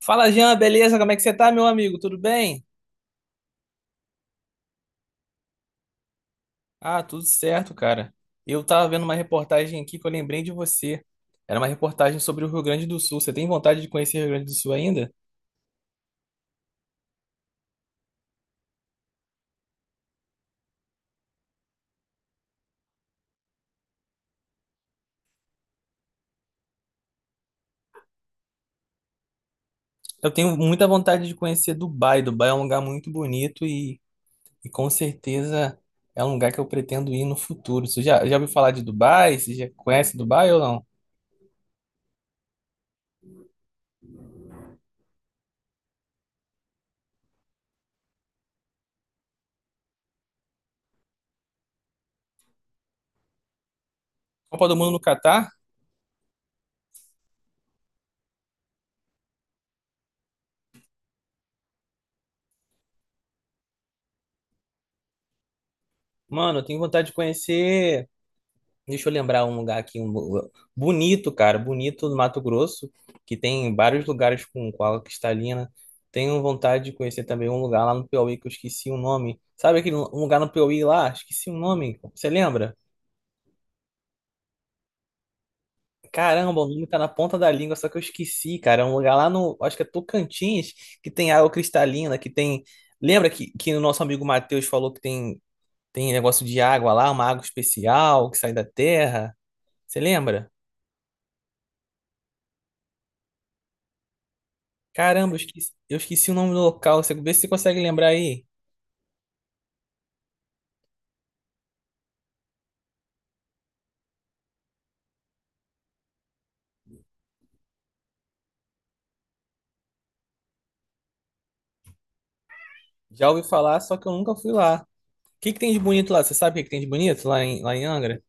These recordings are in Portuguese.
Fala, Jean, beleza? Como é que você tá, meu amigo? Tudo bem? Ah, tudo certo, cara. Eu tava vendo uma reportagem aqui que eu lembrei de você. Era uma reportagem sobre o Rio Grande do Sul. Você tem vontade de conhecer o Rio Grande do Sul ainda? Eu tenho muita vontade de conhecer Dubai. Dubai é um lugar muito bonito e com certeza é um lugar que eu pretendo ir no futuro. Você já ouviu falar de Dubai? Você já conhece Dubai ou não? Copa do Mundo no Catar? Mano, eu tenho vontade de conhecer. Deixa eu lembrar um lugar aqui, bonito, cara, bonito do Mato Grosso, que tem vários lugares com água cristalina. Tenho vontade de conhecer também um lugar lá no Piauí que eu esqueci o nome. Sabe um lugar no Piauí lá? Esqueci o nome. Você lembra? Caramba, o nome tá na ponta da língua, só que eu esqueci, cara. É um lugar lá no, acho que é Tocantins, que tem água cristalina, que tem. Lembra que o nosso amigo Matheus falou que tem, tem negócio de água lá, uma água especial que sai da terra? Você lembra? Caramba, eu esqueci o nome do local. Você, vê se você consegue lembrar aí. Já ouvi falar, só que eu nunca fui lá. O que que tem de bonito lá? Você sabe o que que tem de bonito lá em Angra?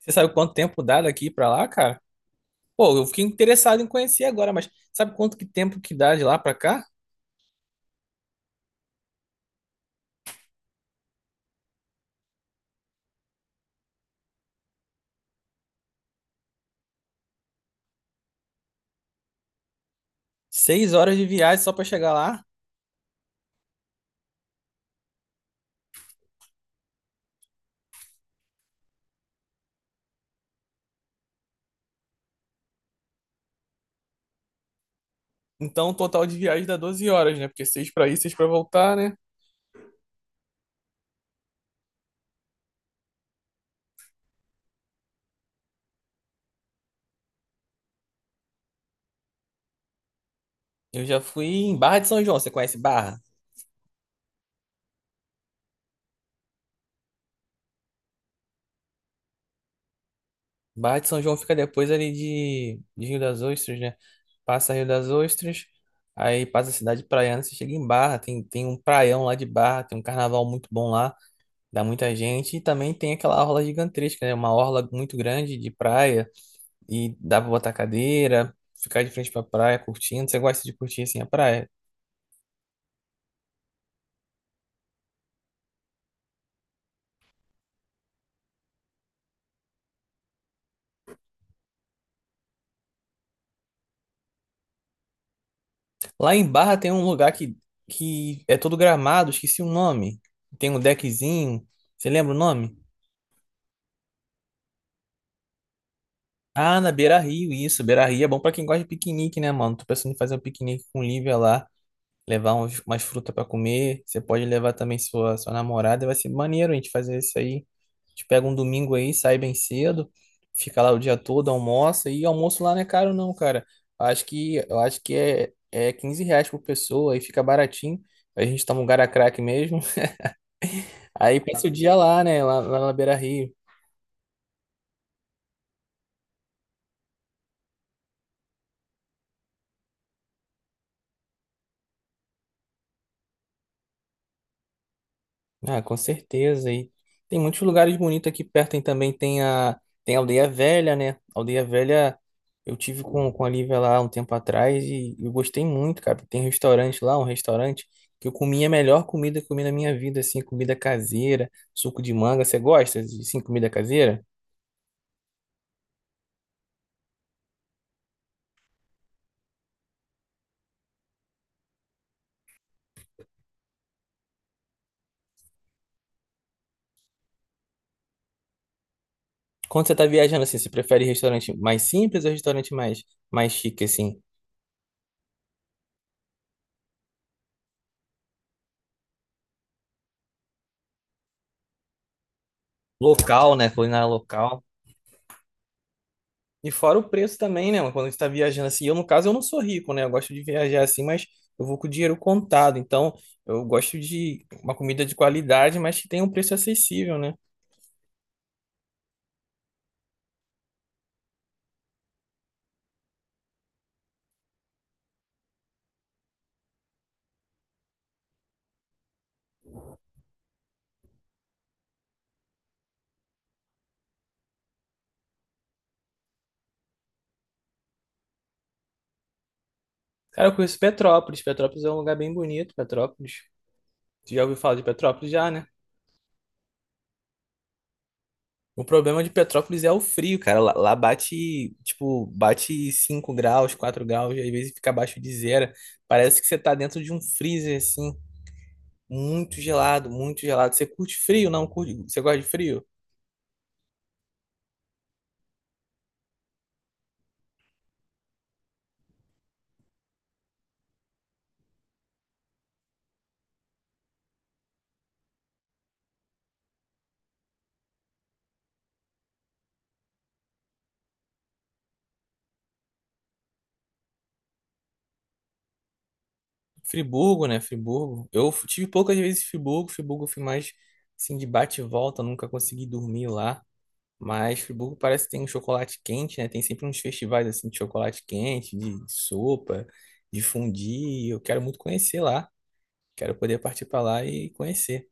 Você sabe quanto tempo dá daqui pra lá, cara? Pô, eu fiquei interessado em conhecer agora, mas sabe quanto que tempo que dá de lá pra cá? 6 horas de viagem só pra chegar lá. Então, o total de viagem dá 12 horas, né? Porque seis pra ir, seis pra voltar, né? Eu já fui em Barra de São João. Você conhece Barra? Barra de São João fica depois de Rio das Ostras, né? Passa Rio das Ostras, aí passa a cidade praiana, você chega em Barra, tem, tem um praião lá de Barra, tem um carnaval muito bom lá, dá muita gente, e também tem aquela orla gigantesca, né? Uma orla muito grande de praia, e dá pra botar cadeira, ficar de frente pra praia curtindo, você gosta de curtir assim a praia. Lá em Barra tem um lugar que é todo gramado, esqueci o nome, tem um deckzinho, você lembra o nome? Ah, na Beira-Rio, isso, Beira-Rio é bom pra quem gosta de piquenique, né, mano? Tô pensando em fazer um piquenique com Lívia lá. Levar umas frutas para comer. Você pode levar também sua namorada. Vai ser maneiro a gente fazer isso aí. A gente pega um domingo aí, sai bem cedo, fica lá o dia todo, almoça. E almoço lá não é caro, não, cara. Eu acho é 15 reais por pessoa, aí fica baratinho. A gente toma um gara crack mesmo. Aí passa o dia lá, né? Lá na Beira Rio. Ah, com certeza. E tem muitos lugares bonitos aqui perto. Tem a Aldeia Velha, né? Aldeia Velha, eu tive com a Lívia lá um tempo atrás e eu gostei muito, cara. Tem restaurante lá, um restaurante que eu comi a melhor comida que eu comi na minha vida, assim, comida caseira, suco de manga. Você gosta de, assim, comida caseira? Quando você tá viajando, assim, você prefere restaurante mais simples ou restaurante mais chique, assim? Local, né? Culinária local. E fora o preço também, né, mano? Quando a gente tá viajando assim, eu no caso eu não sou rico, né? Eu gosto de viajar assim, mas eu vou com o dinheiro contado. Então, eu gosto de uma comida de qualidade, mas que tenha um preço acessível, né? Cara, eu conheço Petrópolis. Petrópolis é um lugar bem bonito, Petrópolis. Tu já ouviu falar de Petrópolis já, né? O problema de Petrópolis é o frio, cara. Lá bate, tipo, bate 5 graus, 4 graus, e às vezes fica abaixo de zero. Parece que você tá dentro de um freezer, assim, muito gelado, muito gelado. Você curte frio? Não, curte... Você gosta de frio? Friburgo, né? Friburgo. Eu tive poucas vezes em Friburgo. Friburgo eu fui mais assim de bate e volta, nunca consegui dormir lá. Mas Friburgo parece que tem um chocolate quente, né? Tem sempre uns festivais assim de chocolate quente, de sopa, de fondue. Eu quero muito conhecer lá. Quero poder partir para lá e conhecer.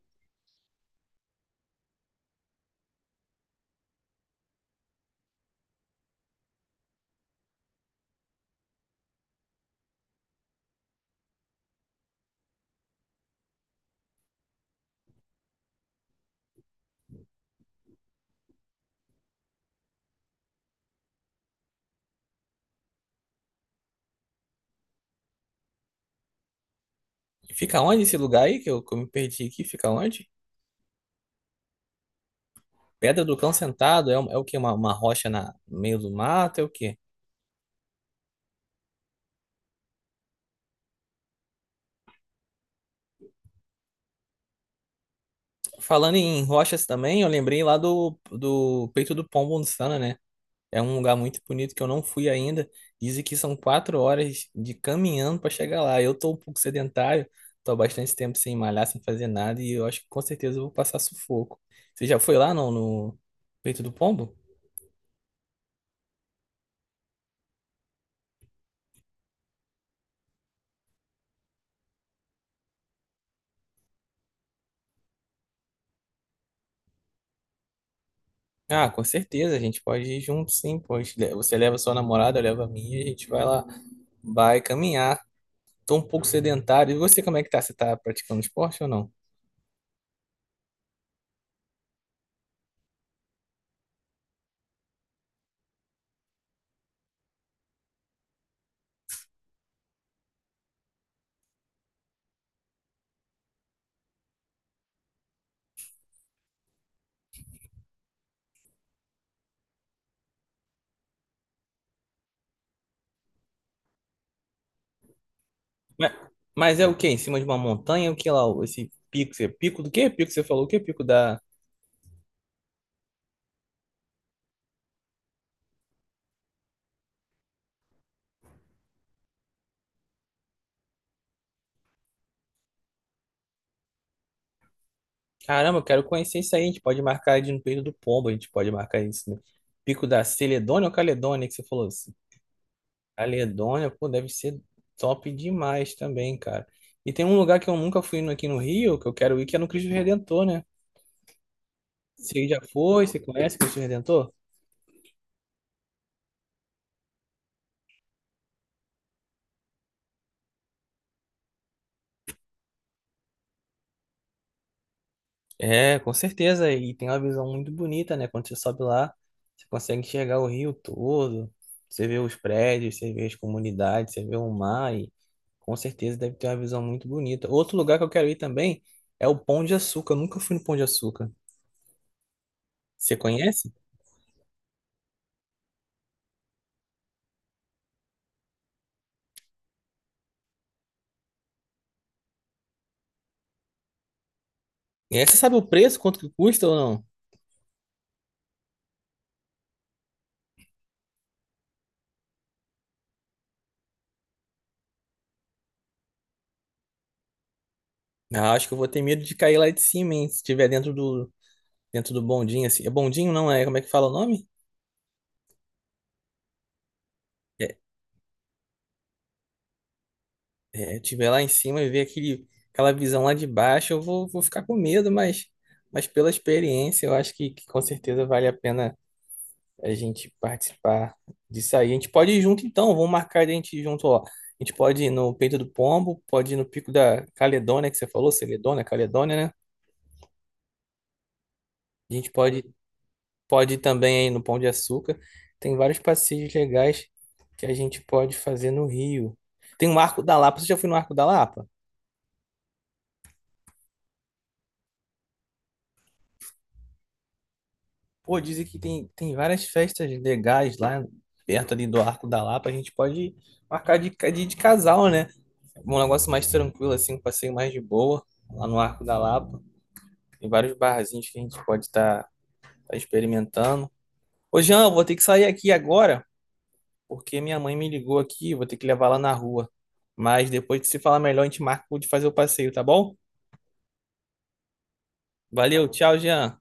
Fica onde esse lugar aí que eu me perdi aqui? Fica onde? Pedra do Cão Sentado é, um- é o quê? Uma rocha no meio do mato? É o quê? Falando em rochas também, eu lembrei do Peito do Pombo no Sana, né? É um lugar muito bonito que eu não fui ainda. Dizem que são 4 horas de caminhando para chegar lá. Eu tô um pouco sedentário, tô há bastante tempo sem malhar, sem fazer nada, e eu acho que com certeza eu vou passar sufoco. Você já foi lá, não, no Peito do Pombo? Ah, com certeza, a gente pode ir junto, sim. Pois você leva sua namorada, eu levo a minha, e a gente vai lá, vai caminhar. Tô um pouco sedentário. E você, como é que tá? Você tá praticando esporte ou não? Mas, mas é o quê? Em cima de uma montanha? O que lá? Esse pico? Você- Pico do quê? Pico, você falou o quê? Pico da. Caramba, eu quero conhecer isso aí. A gente pode marcar de no Peito do Pombo, a gente pode marcar isso no Pico da Celedônia ou Caledônia, que você falou assim. Caledônia, pô, deve ser top demais também, cara. E tem um lugar que eu nunca fui no- aqui no Rio, que eu quero ir, que é no Cristo Redentor, né? Você já foi? Você conhece o Cristo Redentor? É, com certeza. E tem uma visão muito bonita, né? Quando você sobe lá, você consegue enxergar o rio todo, você vê os prédios, você vê as comunidades, você vê o mar e com certeza deve ter uma visão muito bonita. Outro lugar que eu quero ir também é o Pão de Açúcar. Eu nunca fui no Pão de Açúcar. Você conhece? É, você sabe o preço, quanto que custa ou não? Ah, acho que eu vou ter medo de cair lá de cima, hein? Se estiver dentro do bondinho, assim. É bondinho, não é? Como é que fala o nome? É, é, tiver lá em cima e ver aquele, aquela visão lá de baixo, eu vou, vou ficar com medo, mas pela experiência, eu acho que com certeza vale a pena a gente participar disso aí. A gente pode ir junto então, vamos marcar de a gente ir junto, ó. A gente pode ir no Peito do Pombo, pode ir no Pico da Caledônia, que você falou, Celedônia, Caledônia, né? A gente pode, pode ir também aí no Pão de Açúcar. Tem vários passeios legais que a gente pode fazer no Rio. Tem o Arco da Lapa. Você já foi no Arco da Lapa? Pô, dizem que tem, tem várias festas legais lá perto ali do Arco da Lapa. A gente pode de casal, né? Um negócio mais tranquilo, assim, um passeio mais de boa lá no Arco da Lapa. Tem vários barzinhos que a gente pode estar experimentando. Ô, Jean, eu vou ter que sair aqui agora, porque minha mãe me ligou aqui, vou ter que levar lá na rua. Mas depois de se falar melhor, a gente marca de fazer o passeio, tá bom? Valeu, tchau, Jean.